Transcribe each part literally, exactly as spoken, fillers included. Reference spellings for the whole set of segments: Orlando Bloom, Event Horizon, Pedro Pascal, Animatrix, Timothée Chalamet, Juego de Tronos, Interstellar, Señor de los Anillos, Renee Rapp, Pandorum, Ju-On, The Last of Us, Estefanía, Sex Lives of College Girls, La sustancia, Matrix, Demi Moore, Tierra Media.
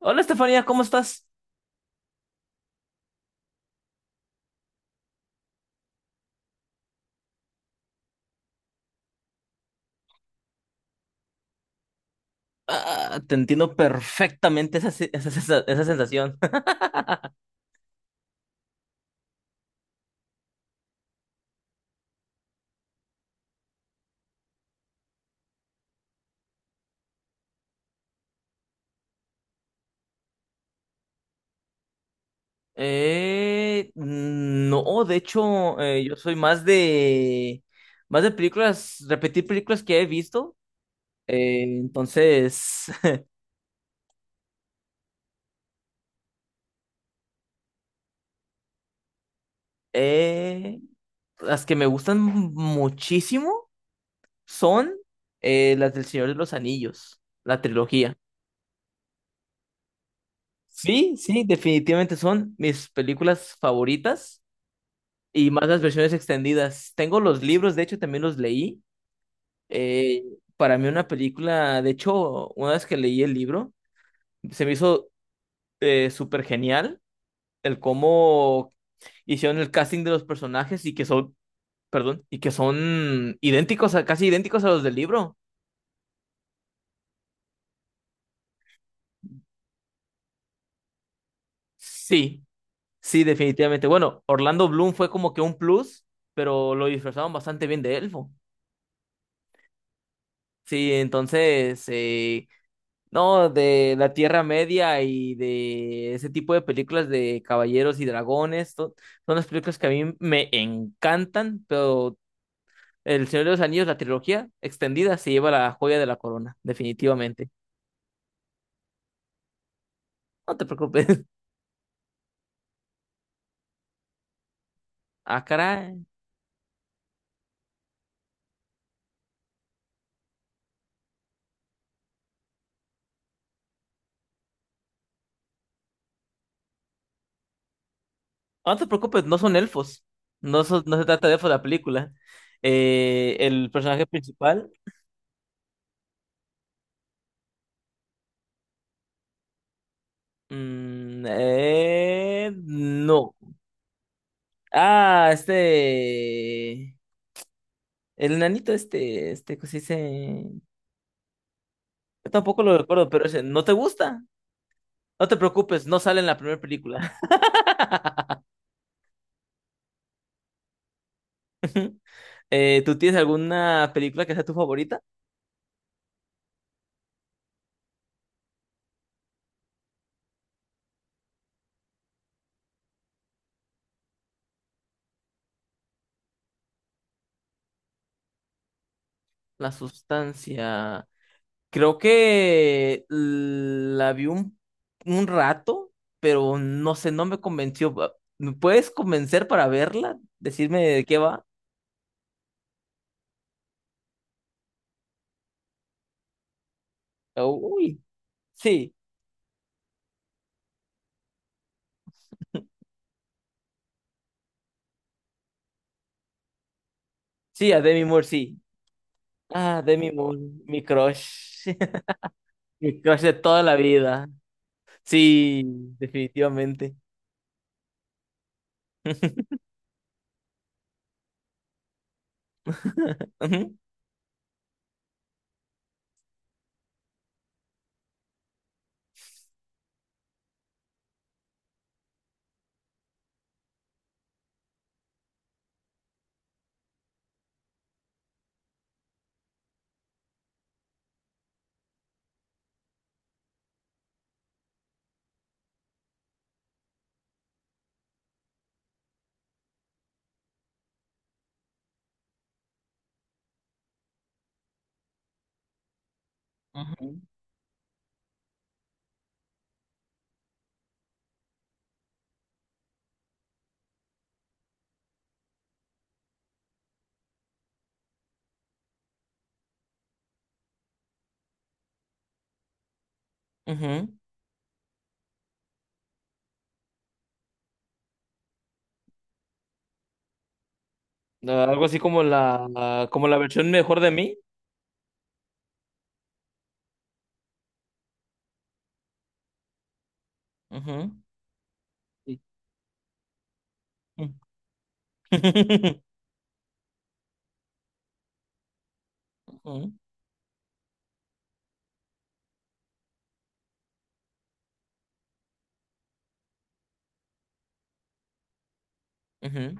Hola Estefanía, ¿cómo estás? Ah, te entiendo perfectamente esa, se- esa, esa- esa sensación. Eh, no, de hecho, eh, yo soy más de más de películas, repetir películas que he visto. Eh, entonces, eh, las que me gustan muchísimo son eh, las del Señor de los Anillos, la trilogía. Sí, sí, definitivamente son mis películas favoritas. Y más las versiones extendidas. Tengo los libros, de hecho también los leí. Eh, para mí una película, de hecho, una vez que leí el libro, se me hizo eh, súper genial el cómo hicieron el casting de los personajes y que son, perdón, y que son idénticos, a, casi idénticos a los del libro. Sí, sí, definitivamente. Bueno, Orlando Bloom fue como que un plus, pero lo disfrazaron bastante bien de elfo. Sí, entonces... eh, No, de la Tierra Media y de ese tipo de películas de caballeros y dragones. To- son las películas que a mí me encantan, pero El Señor de los Anillos, la trilogía extendida, se lleva la joya de la corona, definitivamente. No te preocupes. Ah, caray. No te preocupes, no son elfos. No, son- no se trata de elfos la película. Eh, el personaje principal. Mm, eh, no. Ah, este. El nanito este, este, ¿cómo se dice? Yo tampoco lo recuerdo, pero ese, ¿no te gusta? No te preocupes, no sale en la primera película. Eh, ¿tú tienes alguna película que sea tu favorita? La sustancia. Creo que la vi un, un rato, pero no sé, no me convenció. Ah, ¿me puedes convencer para verla? Decirme de qué va. Uy, sí, sí, a Demi Moore, sí. Ah, Demi Moore, mi crush. Mi crush de toda la vida. Sí, definitivamente. Ujú. Ujú, ujú. Ah, algo así como la, la- como la versión mejor de mí. Ujú. Sí. Ujú, ujú.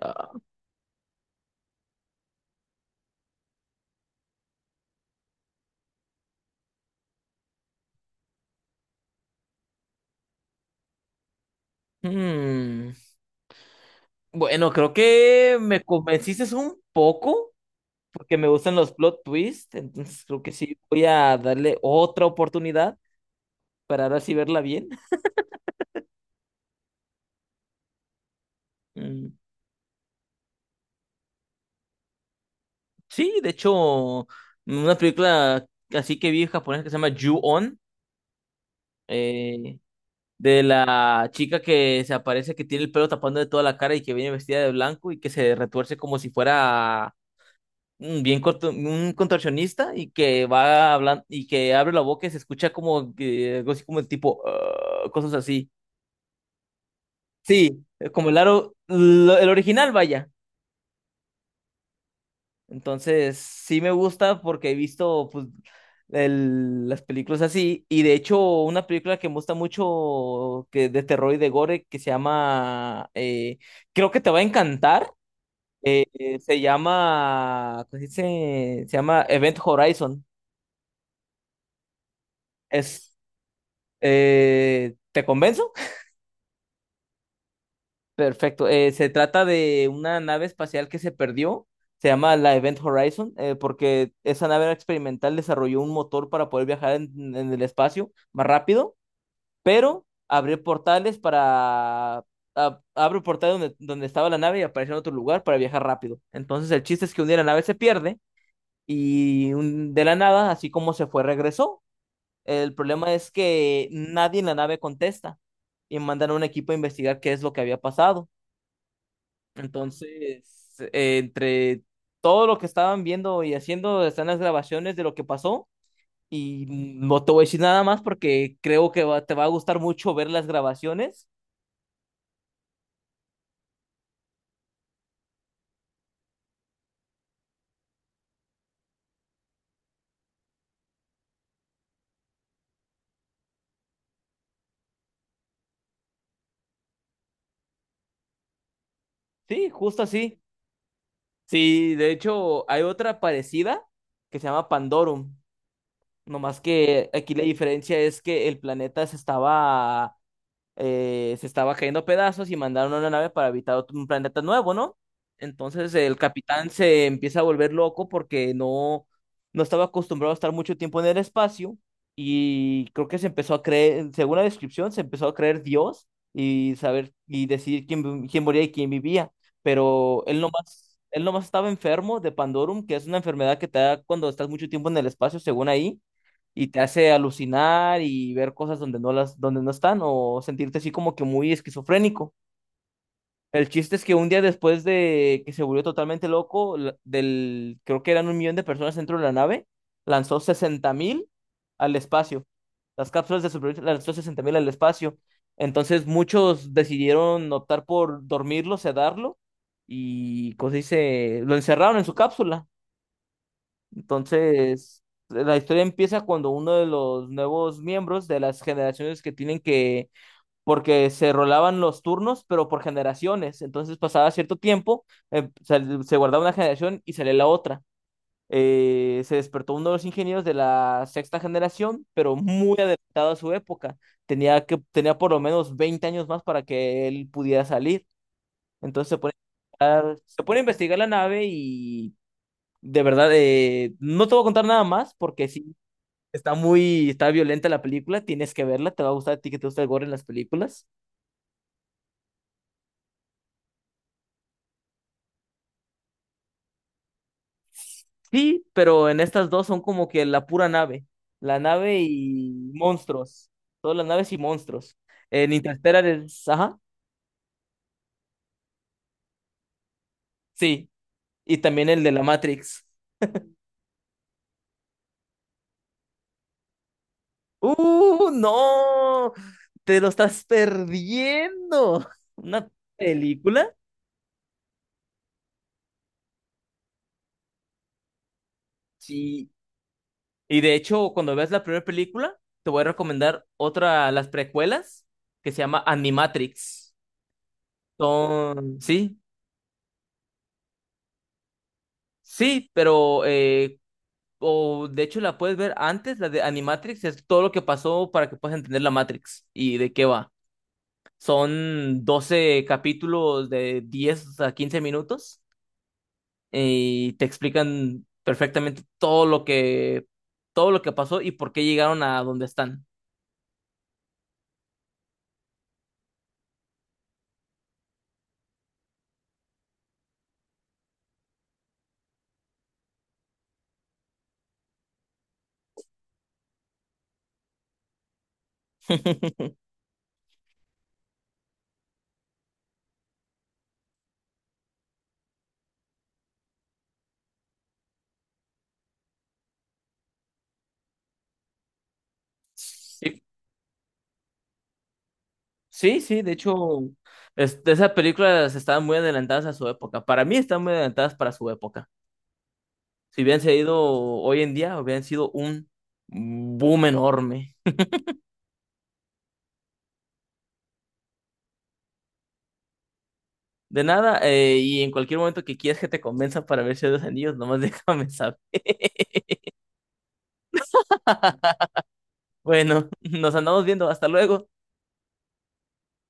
Ah, hmm. Bueno, creo que me convenciste un poco porque me gustan los plot twists, entonces creo que sí voy a darle otra oportunidad para ahora sí verla bien. Mm, Sí, de hecho, una película así que vi japonesa que se llama Ju-On. eh, de la chica que se aparece, que tiene el pelo tapando de toda la cara y que viene vestida de blanco y que se retuerce como si fuera mm, bien corto- un contorsionista y que va hablando y que abre la boca y se escucha como que- algo así como tipo "Ah", cosas así. Sí, eh, como el aro, lo- el original, vaya. Entonces, sí me gusta porque he visto pues, el- las películas así. Y de hecho, una película que me gusta mucho que, de terror y de gore que se llama, eh, creo que te va a encantar. Eh, eh, se llama, ¿cómo se dice? Se llama Event Horizon. Es, eh, ¿te convenzo? Perfecto. Eh, se trata de una nave espacial que se perdió. Se llama la Event Horizon, eh, porque esa nave experimental desarrolló un motor para poder viajar en, en el espacio más rápido, pero abrió portales para... a- Abre un portal donde, donde estaba la nave y aparece en otro lugar para viajar rápido. Entonces el chiste es que un día la nave se pierde y un- de la nada, así como se fue, regresó. El problema es que nadie en la nave contesta y mandan a un equipo a investigar qué es lo que había pasado. Entonces, eh, entre todo lo que estaban viendo y haciendo, están las grabaciones de lo que pasó. Y mm, no te voy a decir nada más porque creo que va- te va a gustar mucho ver las grabaciones. Sí, justo así. Sí, de hecho, hay otra parecida que se llama Pandorum. Nomás que aquí la diferencia es que el planeta se estaba eh, se estaba cayendo a pedazos y mandaron una nave para habitar otro- un planeta nuevo, ¿no? Entonces el capitán se empieza a volver loco porque no, no estaba acostumbrado a estar mucho tiempo en el espacio y creo que se empezó a creer, según la descripción, se empezó a creer Dios y saber y decidir quién, quién moría y quién vivía, pero él nomás, él nomás estaba enfermo de Pandorum, que es una enfermedad que te da cuando estás mucho tiempo en el espacio, según ahí, y te hace alucinar y ver cosas donde no las, donde no están o sentirte así como que muy esquizofrénico. El chiste es que un día después de que se volvió totalmente loco, la- del, creo que eran un millón de personas dentro de la nave, lanzó sesenta mil al espacio. Las cápsulas de supervivencia lanzó sesenta mil al espacio. Entonces muchos decidieron optar por dormirlo, sedarlo y, ¿cómo se dice? Lo encerraron en su cápsula. Entonces, la historia empieza cuando uno de los nuevos miembros de las generaciones que tienen que, porque se rolaban los turnos, pero por generaciones, entonces pasaba cierto tiempo, eh, sal- se guardaba una generación y salía la otra. Eh, se despertó uno de los ingenieros de la sexta generación, pero muy adelantado a su época. Tenía que, tenía por lo menos veinte años más para que él pudiera salir. Entonces se pone a, se pone a investigar la nave y de verdad, eh, no te voy a contar nada más porque sí, está muy, está violenta la película, tienes que verla, te va a gustar a ti que te gusta el gore en las películas. Sí, pero en estas dos son como que la pura nave, la nave y monstruos, todas las naves y monstruos. En Interstellar es, ajá, sí, y también el de la Matrix. ¡Uh, no! Te lo estás perdiendo. ¿Una película? Sí. Y de hecho, cuando veas la primera película, te voy a recomendar otra, las precuelas, que se llama Animatrix. Son, sí, sí, pero, eh, o de hecho la puedes ver antes, la de Animatrix, es todo lo que pasó para que puedas entender la Matrix y de qué va. Son doce capítulos de diez a quince minutos y te explican perfectamente todo lo que, todo lo que pasó y por qué llegaron a donde están. Y Sí, sí, de hecho, es- esas películas estaban muy adelantadas a su época. Para mí están muy adelantadas para su época. Si hubieran sido hoy en día, hubieran sido un boom enorme. De nada, eh, y en cualquier momento que quieras que te convenza para ver Señor de los Anillos, nomás déjame saber. Bueno, nos andamos viendo. Hasta luego.